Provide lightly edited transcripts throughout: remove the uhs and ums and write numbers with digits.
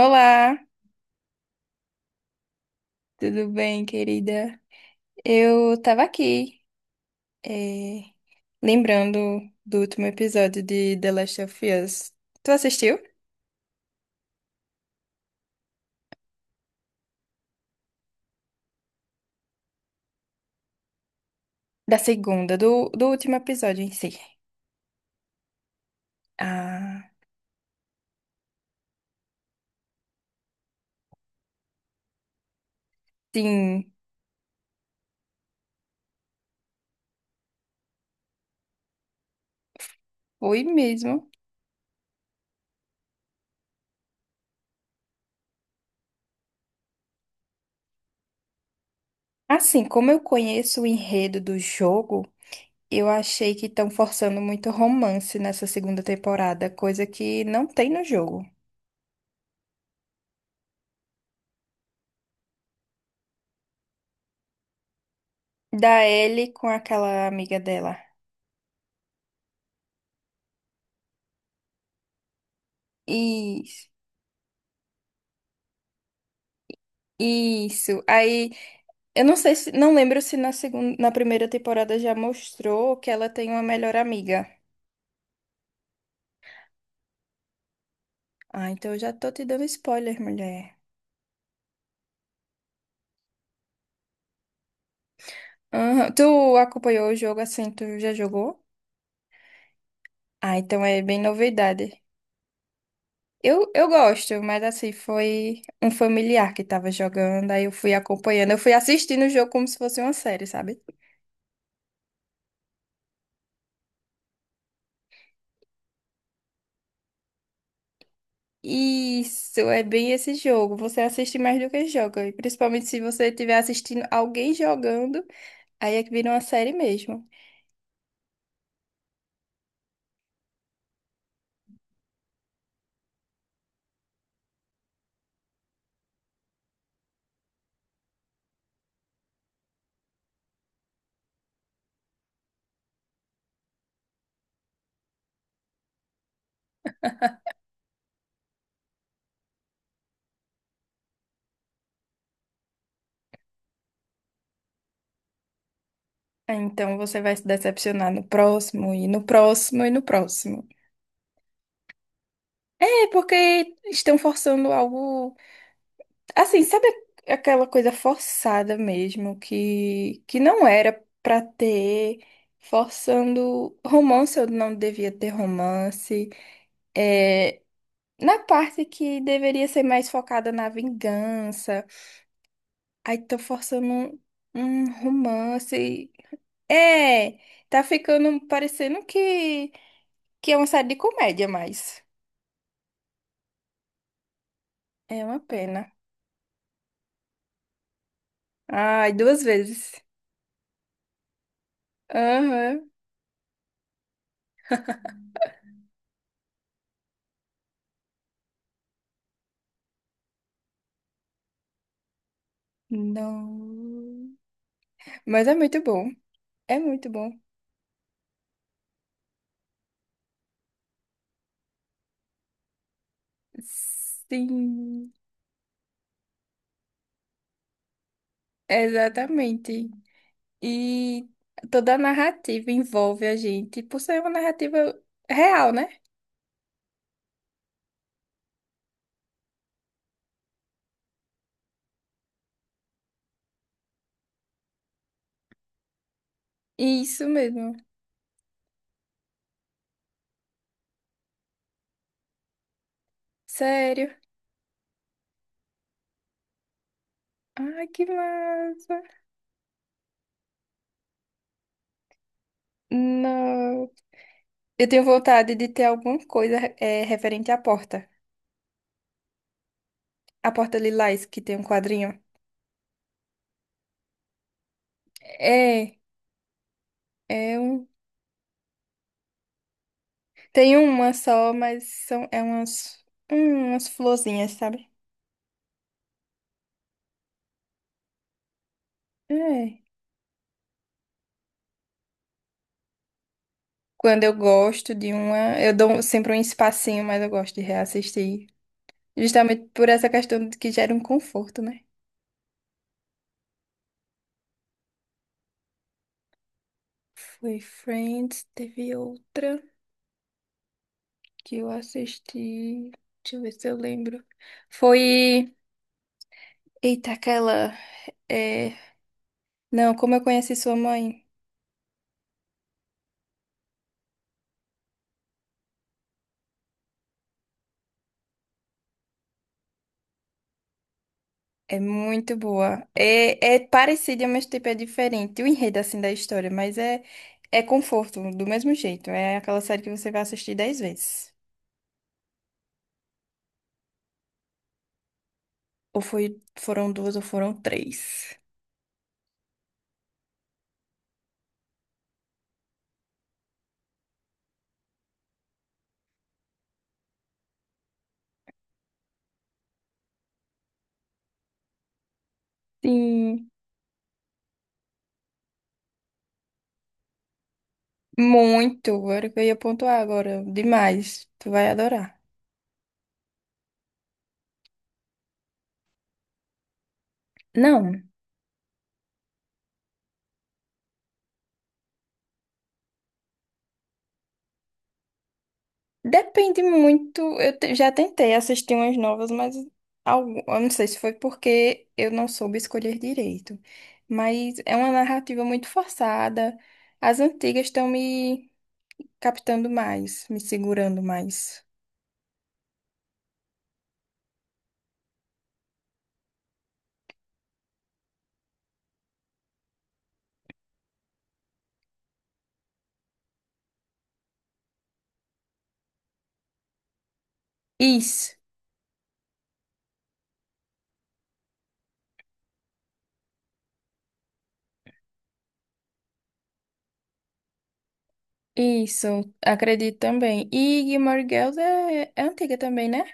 Olá, tudo bem, querida? Eu tava aqui, eh, lembrando do último episódio de The Last of Us. Tu assistiu? Da segunda, do último episódio em si. Ah, sim, foi mesmo. Assim, como eu conheço o enredo do jogo, eu achei que estão forçando muito romance nessa segunda temporada, coisa que não tem no jogo. Da Ellie com aquela amiga dela. Isso, isso. Aí. Eu não sei se, não lembro se na segunda, na primeira temporada já mostrou que ela tem uma melhor amiga. Ah, então eu já tô te dando spoiler, mulher. Aham. Tu acompanhou o jogo assim, tu já jogou? Ah, então é bem novidade. Eu gosto, mas assim, foi um familiar que tava jogando, aí eu fui acompanhando, eu fui assistindo o jogo como se fosse uma série, sabe? Isso, é bem esse jogo. Você assiste mais do que joga, e principalmente se você estiver assistindo alguém jogando, aí é que vira uma série mesmo. Ah, então você vai se decepcionar no próximo e no próximo e no próximo. É porque estão forçando algo assim, sabe aquela coisa forçada mesmo que não era pra ter, forçando romance eu não devia ter romance. É, na parte que deveria ser mais focada na vingança, aí estão forçando um romance. É, tá ficando parecendo que é uma série de comédia, mas é uma pena. Ai, duas vezes. Aham. Não. Mas é muito bom. É muito bom. Sim, exatamente. E toda a narrativa envolve a gente, por ser uma narrativa real, né? Isso mesmo. Sério. Ai, que massa. Não. Eu tenho vontade de ter alguma coisa é referente à porta. A porta lilás, que tem um quadrinho. É. É um... Tem uma só, mas são... é umas... umas florzinhas, sabe? É. Quando eu gosto de uma, eu dou sempre um espacinho, mas eu gosto de reassistir. Justamente por essa questão de que gera um conforto, né? Foi Friends, teve outra que eu assisti. Deixa eu ver se eu lembro. Foi. Eita, aquela. É... Não, como eu conheci sua mãe? É muito boa. É, é parecida, mas tipo é diferente. O enredo assim da história, mas é é conforto do mesmo jeito. É aquela série que você vai assistir 10 vezes. Ou foi, foram duas ou foram três. Sim, muito. Era o que eu ia pontuar agora. Demais. Tu vai adorar. Não. Depende muito. Já tentei assistir umas novas, mas algo, eu não sei se foi porque eu não soube escolher direito. Mas é uma narrativa muito forçada. As antigas estão me captando mais, me segurando mais. Isso, isso, acredito também. E Gilmore Girls é, é antiga também, né?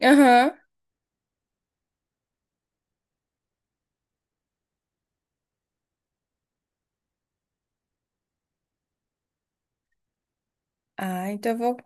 Aham. Ah, então eu vou.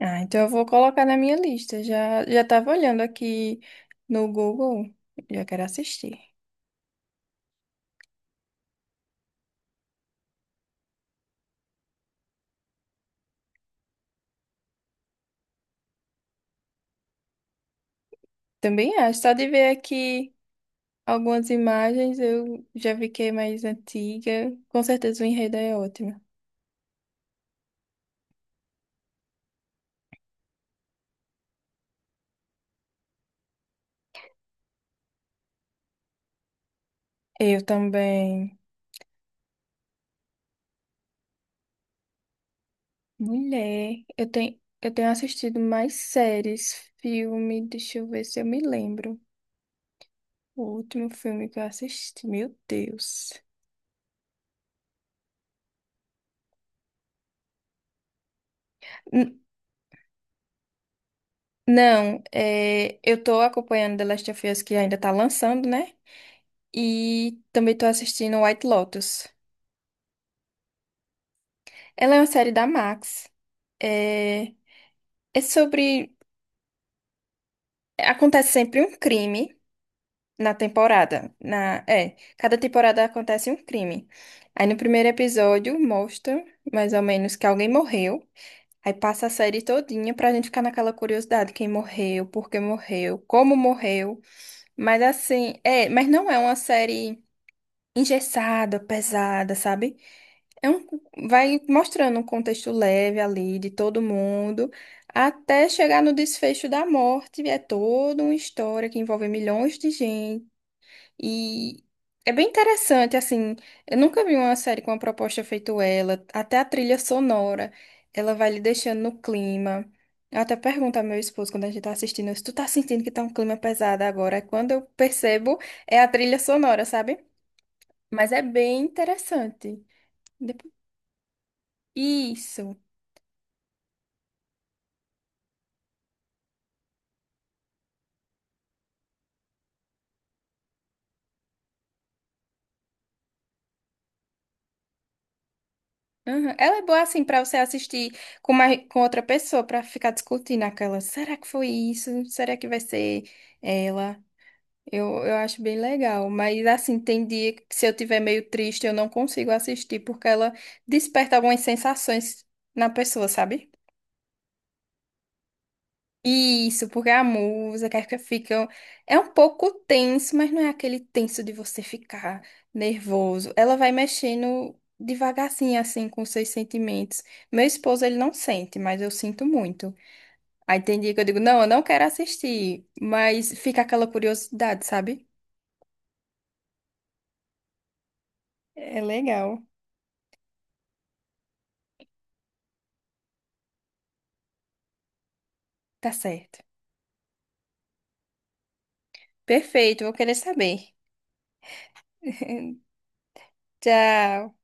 Ah, então eu vou colocar na minha lista. Já tava olhando aqui no Google. Já quero assistir. Também acho. Só de ver aqui algumas imagens, eu já vi que é mais antiga. Com certeza o enredo é ótimo. Eu também. Mulher, eu tenho assistido mais séries, filme, deixa eu ver se eu me lembro. O último filme que eu assisti, meu Deus. N- não, é, eu tô acompanhando The Last of Us que ainda tá lançando, né? E também tô assistindo White Lotus. Ela é uma série da Max. É, é sobre acontece sempre um crime na temporada. Cada temporada acontece um crime. Aí no primeiro episódio mostra mais ou menos que alguém morreu. Aí passa a série todinha pra gente ficar naquela curiosidade, quem morreu, por que morreu, como morreu. Mas assim, é, mas não é uma série engessada, pesada, sabe? É um, vai mostrando um contexto leve ali de todo mundo, até chegar no desfecho da morte. É toda uma história que envolve milhões de gente. E é bem interessante, assim. Eu nunca vi uma série com uma proposta feito ela. Até a trilha sonora, ela vai lhe deixando no clima. Eu até pergunto ao meu esposo quando a gente tá assistindo, se tu tá sentindo que tá um clima pesado agora. Aí quando eu percebo, é a trilha sonora, sabe? Mas é bem interessante. Depois- Isso. Uhum. Ela é boa assim pra você assistir com, mais, com outra pessoa pra ficar discutindo aquela. Será que foi isso? Será que vai ser ela? Eu acho bem legal. Mas assim, tem dia que se eu tiver meio triste, eu não consigo assistir porque ela desperta algumas sensações na pessoa, sabe? Isso, porque a música que fica é um pouco tenso, mas não é aquele tenso de você ficar nervoso. Ela vai mexendo devagarzinho assim com seus sentimentos. Meu esposo ele não sente, mas eu sinto muito. Aí tem dia que eu digo, não, eu não quero assistir, mas fica aquela curiosidade, sabe? É legal. Tá certo. Perfeito, vou querer saber. Tchau.